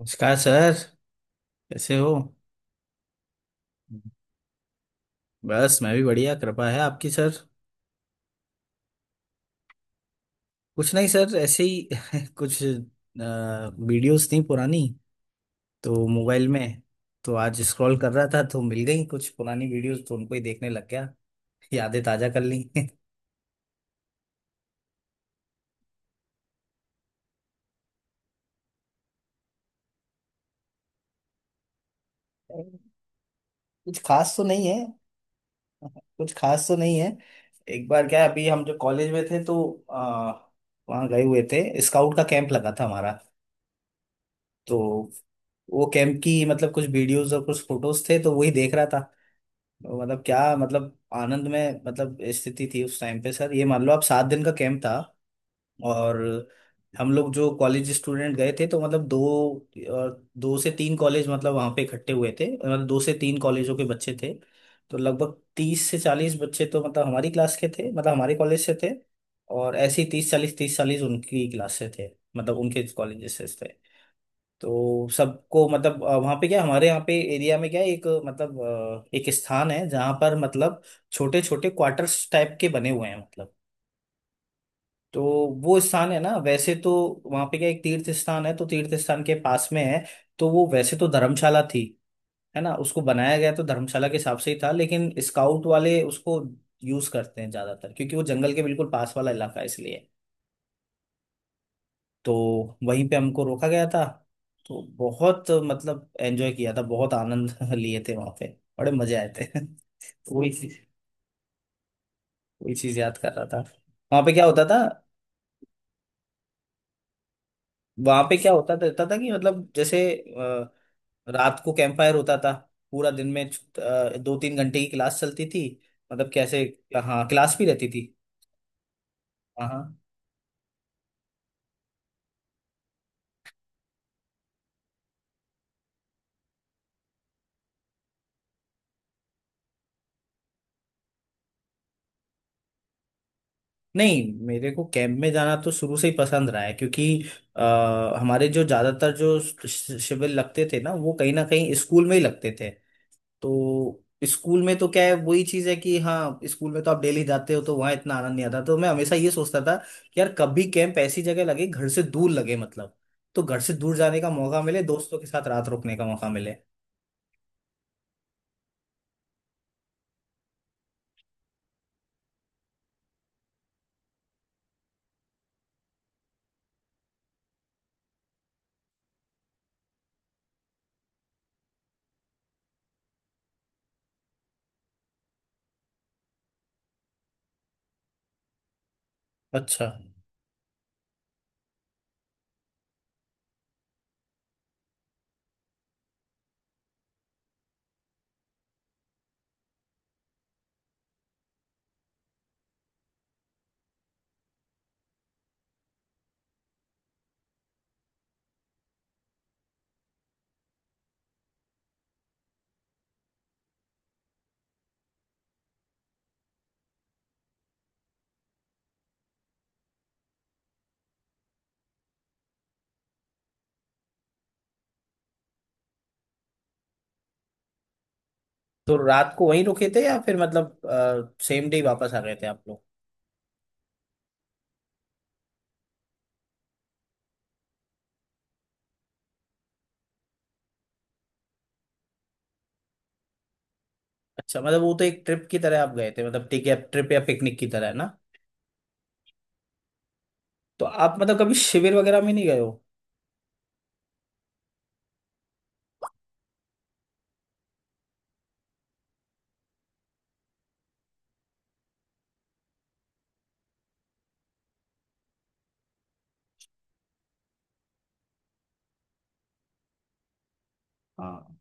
नमस्कार सर। कैसे हो। बस मैं भी बढ़िया। कृपा है आपकी सर। कुछ नहीं सर, ऐसे ही। कुछ वीडियोस थी पुरानी, तो मोबाइल में। तो आज स्क्रॉल कर रहा था तो मिल गई कुछ पुरानी वीडियोस, तो उनको ही देखने लग गया। यादें ताजा कर ली। कुछ खास तो नहीं है। कुछ खास तो नहीं है। एक बार क्या है, अभी हम जो कॉलेज में थे तो अ, वहाँ गए हुए थे, स्काउट का कैंप लगा था हमारा। तो वो कैंप की मतलब कुछ वीडियोस और कुछ फोटोज थे, तो वही देख रहा था। तो मतलब क्या, मतलब आनंद में, मतलब स्थिति थी उस टाइम पे सर। ये मान लो आप, 7 दिन का कैंप था। और हम लोग जो कॉलेज स्टूडेंट गए थे, तो मतलब दो और 2 से 3 कॉलेज मतलब वहाँ पे इकट्ठे हुए थे, मतलब 2 से 3 कॉलेजों के बच्चे थे। तो लगभग 30 से 40 बच्चे तो मतलब हमारी क्लास के थे, मतलब हमारे कॉलेज से थे। और ऐसे ही 30 40, 30 40 उनकी क्लास से थे, मतलब उनके कॉलेज से थे। तो सबको मतलब, वहाँ पे क्या, हमारे यहाँ पे एरिया में क्या है, एक मतलब एक स्थान है जहाँ पर मतलब छोटे छोटे क्वार्टर्स टाइप के बने हुए हैं, मतलब। तो वो स्थान है ना, वैसे तो वहाँ पे क्या, एक तीर्थ स्थान है, तो तीर्थ स्थान के पास में है। तो वो वैसे तो धर्मशाला थी, है ना, उसको बनाया गया तो धर्मशाला के हिसाब से ही था, लेकिन स्काउट वाले उसको यूज करते हैं ज्यादातर, क्योंकि वो जंगल के बिल्कुल पास वाला इलाका है, इसलिए। तो वहीं पे हमको रोका गया था। तो बहुत मतलब एंजॉय किया था, बहुत आनंद लिए थे वहां पे। बड़े मजे आए थे। तो वही चीज, वही चीज याद कर रहा था। वहां पे क्या होता था, वहां पे क्या होता था, होता था कि मतलब जैसे रात को कैंप फायर होता था। पूरा दिन में 2 3 घंटे की क्लास चलती थी, मतलब कैसे। हाँ, क्लास भी रहती थी। हाँ हाँ। नहीं, मेरे को कैंप में जाना तो शुरू से ही पसंद रहा है, क्योंकि हमारे जो ज्यादातर जो शिविर लगते थे ना, वो कहीं ना कहीं स्कूल में ही लगते थे। तो स्कूल में तो क्या है, वही चीज है कि हाँ स्कूल में तो आप डेली जाते हो, तो वहाँ इतना आनंद नहीं आता। तो मैं हमेशा ये सोचता था कि यार कभी कैंप ऐसी जगह लगे, घर से दूर लगे, मतलब। तो घर से दूर जाने का मौका मिले, दोस्तों के साथ रात रुकने का मौका मिले। अच्छा, तो रात को वहीं रुके थे या फिर मतलब सेम डे वापस आ गए थे आप लोग? अच्छा, मतलब वो तो एक ट्रिप की तरह आप गए थे मतलब, ठीक है, ट्रिप या पिकनिक की तरह, है ना। तो आप मतलब कभी शिविर वगैरह में नहीं गए हो? हाँ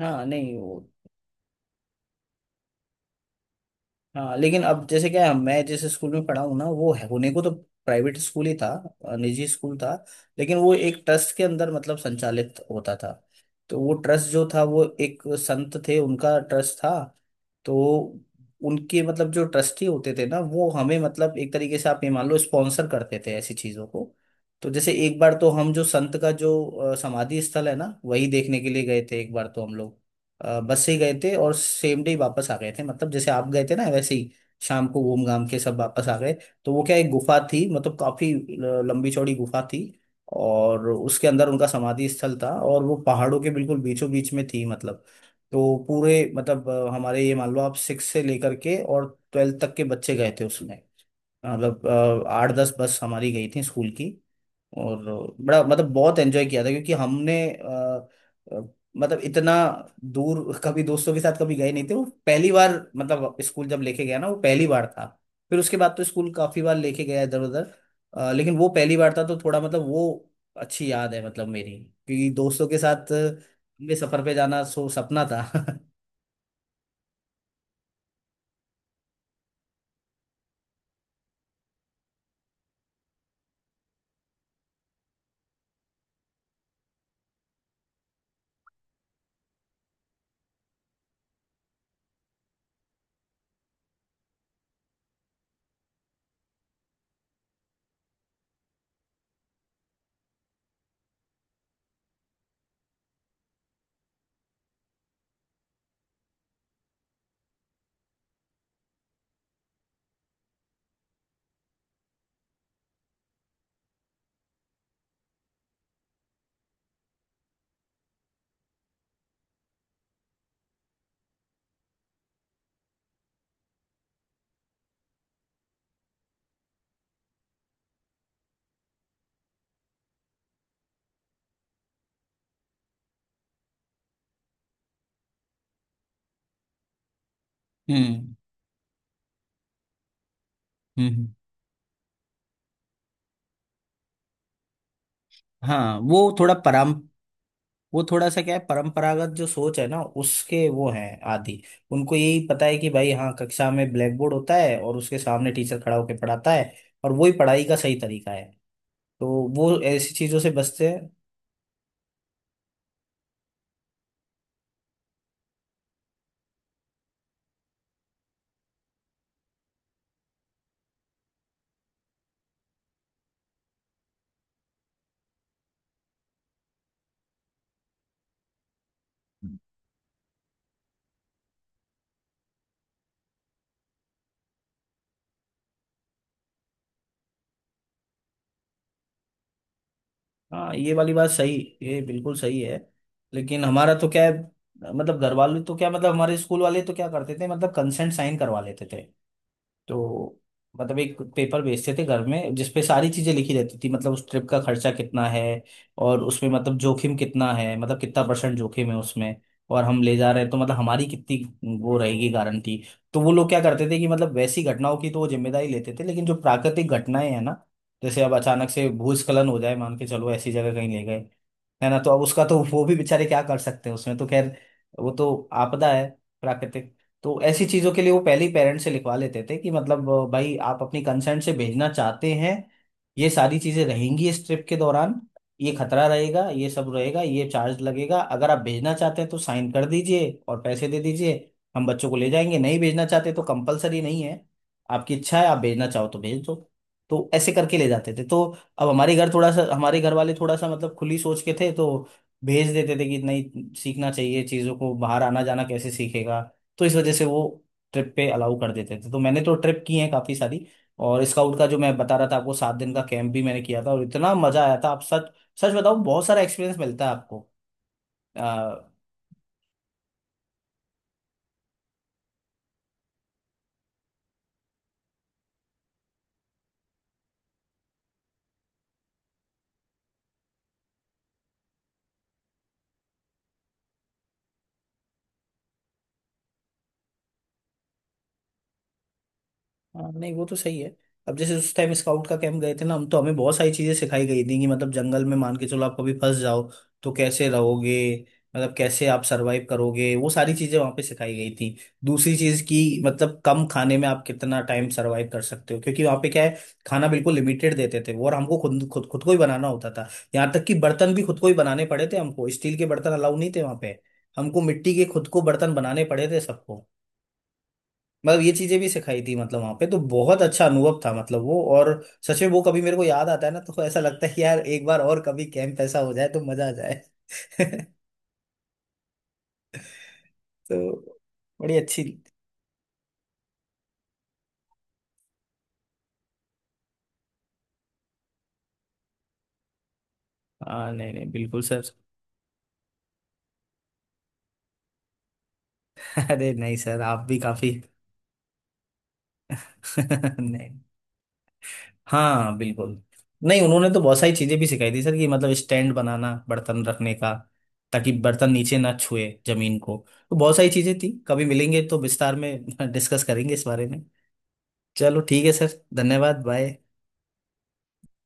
हाँ। नहीं वो। हाँ, लेकिन अब जैसे क्या है, मैं जिस स्कूल में पढ़ा हूँ ना, वो है होने को तो प्राइवेट स्कूल ही था, निजी स्कूल था। लेकिन वो एक ट्रस्ट के अंदर मतलब संचालित होता था। तो वो ट्रस्ट जो था, वो एक संत थे, उनका ट्रस्ट था। तो उनके मतलब जो ट्रस्टी होते थे ना, वो हमें मतलब एक तरीके से आप ये मान लो स्पॉन्सर करते थे ऐसी चीज़ों को। तो जैसे एक बार तो हम जो संत का जो समाधि स्थल है ना, वही देखने के लिए गए थे एक बार तो हम लोग। बस से ही गए थे और सेम डे वापस आ गए थे, मतलब जैसे आप गए थे ना वैसे ही, शाम को घूम घाम के सब वापस आ गए। तो वो क्या, एक गुफा थी, मतलब काफी लंबी चौड़ी गुफा थी। और उसके अंदर उनका समाधि स्थल था, और वो पहाड़ों के बिल्कुल बीचों बीच में थी, मतलब। तो पूरे मतलब, हमारे ये मान लो आप 6 से लेकर के और 12वीं तक के बच्चे गए थे उसमें, मतलब, 8 10 बस हमारी गई थी स्कूल की। और बड़ा मतलब बहुत एंजॉय किया था, क्योंकि हमने अ, मतलब इतना दूर कभी दोस्तों के साथ कभी गए नहीं थे, वो पहली बार। मतलब स्कूल जब लेके गया ना, वो पहली बार था। फिर उसके बाद तो स्कूल काफी बार लेके गया इधर उधर। लेकिन वो पहली बार था तो थोड़ा मतलब, वो अच्छी याद है मतलब मेरी। क्योंकि दोस्तों के साथ लंबे सफर पे जाना सो सपना था। हम्म हम्म हम्म। हाँ, वो थोड़ा, वो थोड़ा सा क्या है, परंपरागत जो सोच है ना, उसके वो हैं आदि। उनको यही पता है कि भाई हाँ, कक्षा में ब्लैक बोर्ड होता है और उसके सामने टीचर खड़ा होकर पढ़ाता है, और वही पढ़ाई का सही तरीका है। तो वो ऐसी चीजों से बचते हैं। हाँ, ये वाली बात सही, ये बिल्कुल सही है। लेकिन हमारा तो क्या है, मतलब घर वाले तो क्या, मतलब हमारे स्कूल वाले तो क्या करते थे, मतलब कंसेंट साइन करवा लेते थे। तो मतलब एक पेपर बेचते थे घर में, जिसपे सारी चीजें लिखी रहती थी, मतलब उस ट्रिप का खर्चा कितना है। और उसमें मतलब जोखिम कितना है, मतलब कितना परसेंट जोखिम है उसमें, और हम ले जा रहे हैं तो मतलब हमारी कितनी वो रहेगी गारंटी। तो वो लोग क्या करते थे कि मतलब वैसी घटनाओं की तो वो जिम्मेदारी लेते थे, लेकिन जो प्राकृतिक भटनाएं हैं ना। जैसे अब अचानक से भूस्खलन हो जाए, मान के चलो ऐसी जगह कहीं ले गए, है ना। तो अब उसका तो वो भी बेचारे क्या कर सकते हैं उसमें, तो खैर वो तो आपदा है, प्राकृतिक। तो ऐसी चीजों के लिए वो पहले ही पेरेंट्स से लिखवा लेते थे कि मतलब, भाई आप अपनी कंसेंट से भेजना चाहते हैं। ये सारी चीजें रहेंगी इस ट्रिप के दौरान, ये खतरा रहेगा, ये सब रहेगा, ये चार्ज लगेगा। अगर आप भेजना चाहते हैं तो साइन कर दीजिए और पैसे दे दीजिए। हम बच्चों को ले जाएंगे। नहीं भेजना चाहते तो कंपलसरी नहीं है, आपकी इच्छा है, आप भेजना चाहो तो भेज दो। तो ऐसे करके ले जाते थे, तो अब हमारे घर थोड़ा सा, हमारे घर वाले थोड़ा सा मतलब खुली सोच के थे, तो भेज देते थे कि नहीं सीखना चाहिए चीज़ों को, बाहर आना जाना कैसे सीखेगा। तो इस वजह से वो ट्रिप पे अलाउ कर देते थे, तो मैंने तो ट्रिप की है काफ़ी सारी। और स्काउट का जो मैं बता रहा था आपको, 7 दिन का कैंप भी मैंने किया था, और इतना मज़ा आया था। आप सच सच बताऊं, बहुत सारा एक्सपीरियंस मिलता है आपको। हाँ, नहीं वो तो सही है। अब जैसे उस टाइम स्काउट का कैंप गए थे ना हम, तो हमें बहुत सारी चीजें सिखाई गई थी कि मतलब जंगल में मान के चलो आप कभी फंस जाओ, तो कैसे रहोगे। मतलब कैसे आप सरवाइव करोगे, वो सारी चीजें वहां पे सिखाई गई थी। दूसरी चीज की मतलब कम खाने में आप कितना टाइम सरवाइव कर सकते हो। क्योंकि वहां पे क्या है, खाना बिल्कुल लिमिटेड देते थे वो, और हमको खुद खुद खुद को ही बनाना होता था। यहाँ तक कि बर्तन भी खुद को ही बनाने पड़े थे हमको, स्टील के बर्तन अलाउ नहीं थे वहां पे। हमको मिट्टी के खुद को बर्तन बनाने पड़े थे सबको। मतलब ये चीजें भी सिखाई थी, मतलब वहां पे तो बहुत अच्छा अनुभव था मतलब वो। और सच में वो कभी मेरे को याद आता है ना, तो ऐसा लगता है कि यार एक बार और कभी कैंप ऐसा हो जाए तो मजा आ जाए। तो बड़ी अच्छी। हाँ नहीं नहीं बिल्कुल सर। अरे नहीं सर, आप भी काफी। नहीं। हाँ बिल्कुल। नहीं, उन्होंने तो बहुत सारी चीजें भी सिखाई थी सर, कि मतलब स्टैंड बनाना बर्तन रखने का, ताकि बर्तन नीचे ना छुए जमीन को। तो बहुत सारी चीजें थी, कभी मिलेंगे तो विस्तार में डिस्कस करेंगे इस बारे में। चलो ठीक है सर, धन्यवाद, बाय।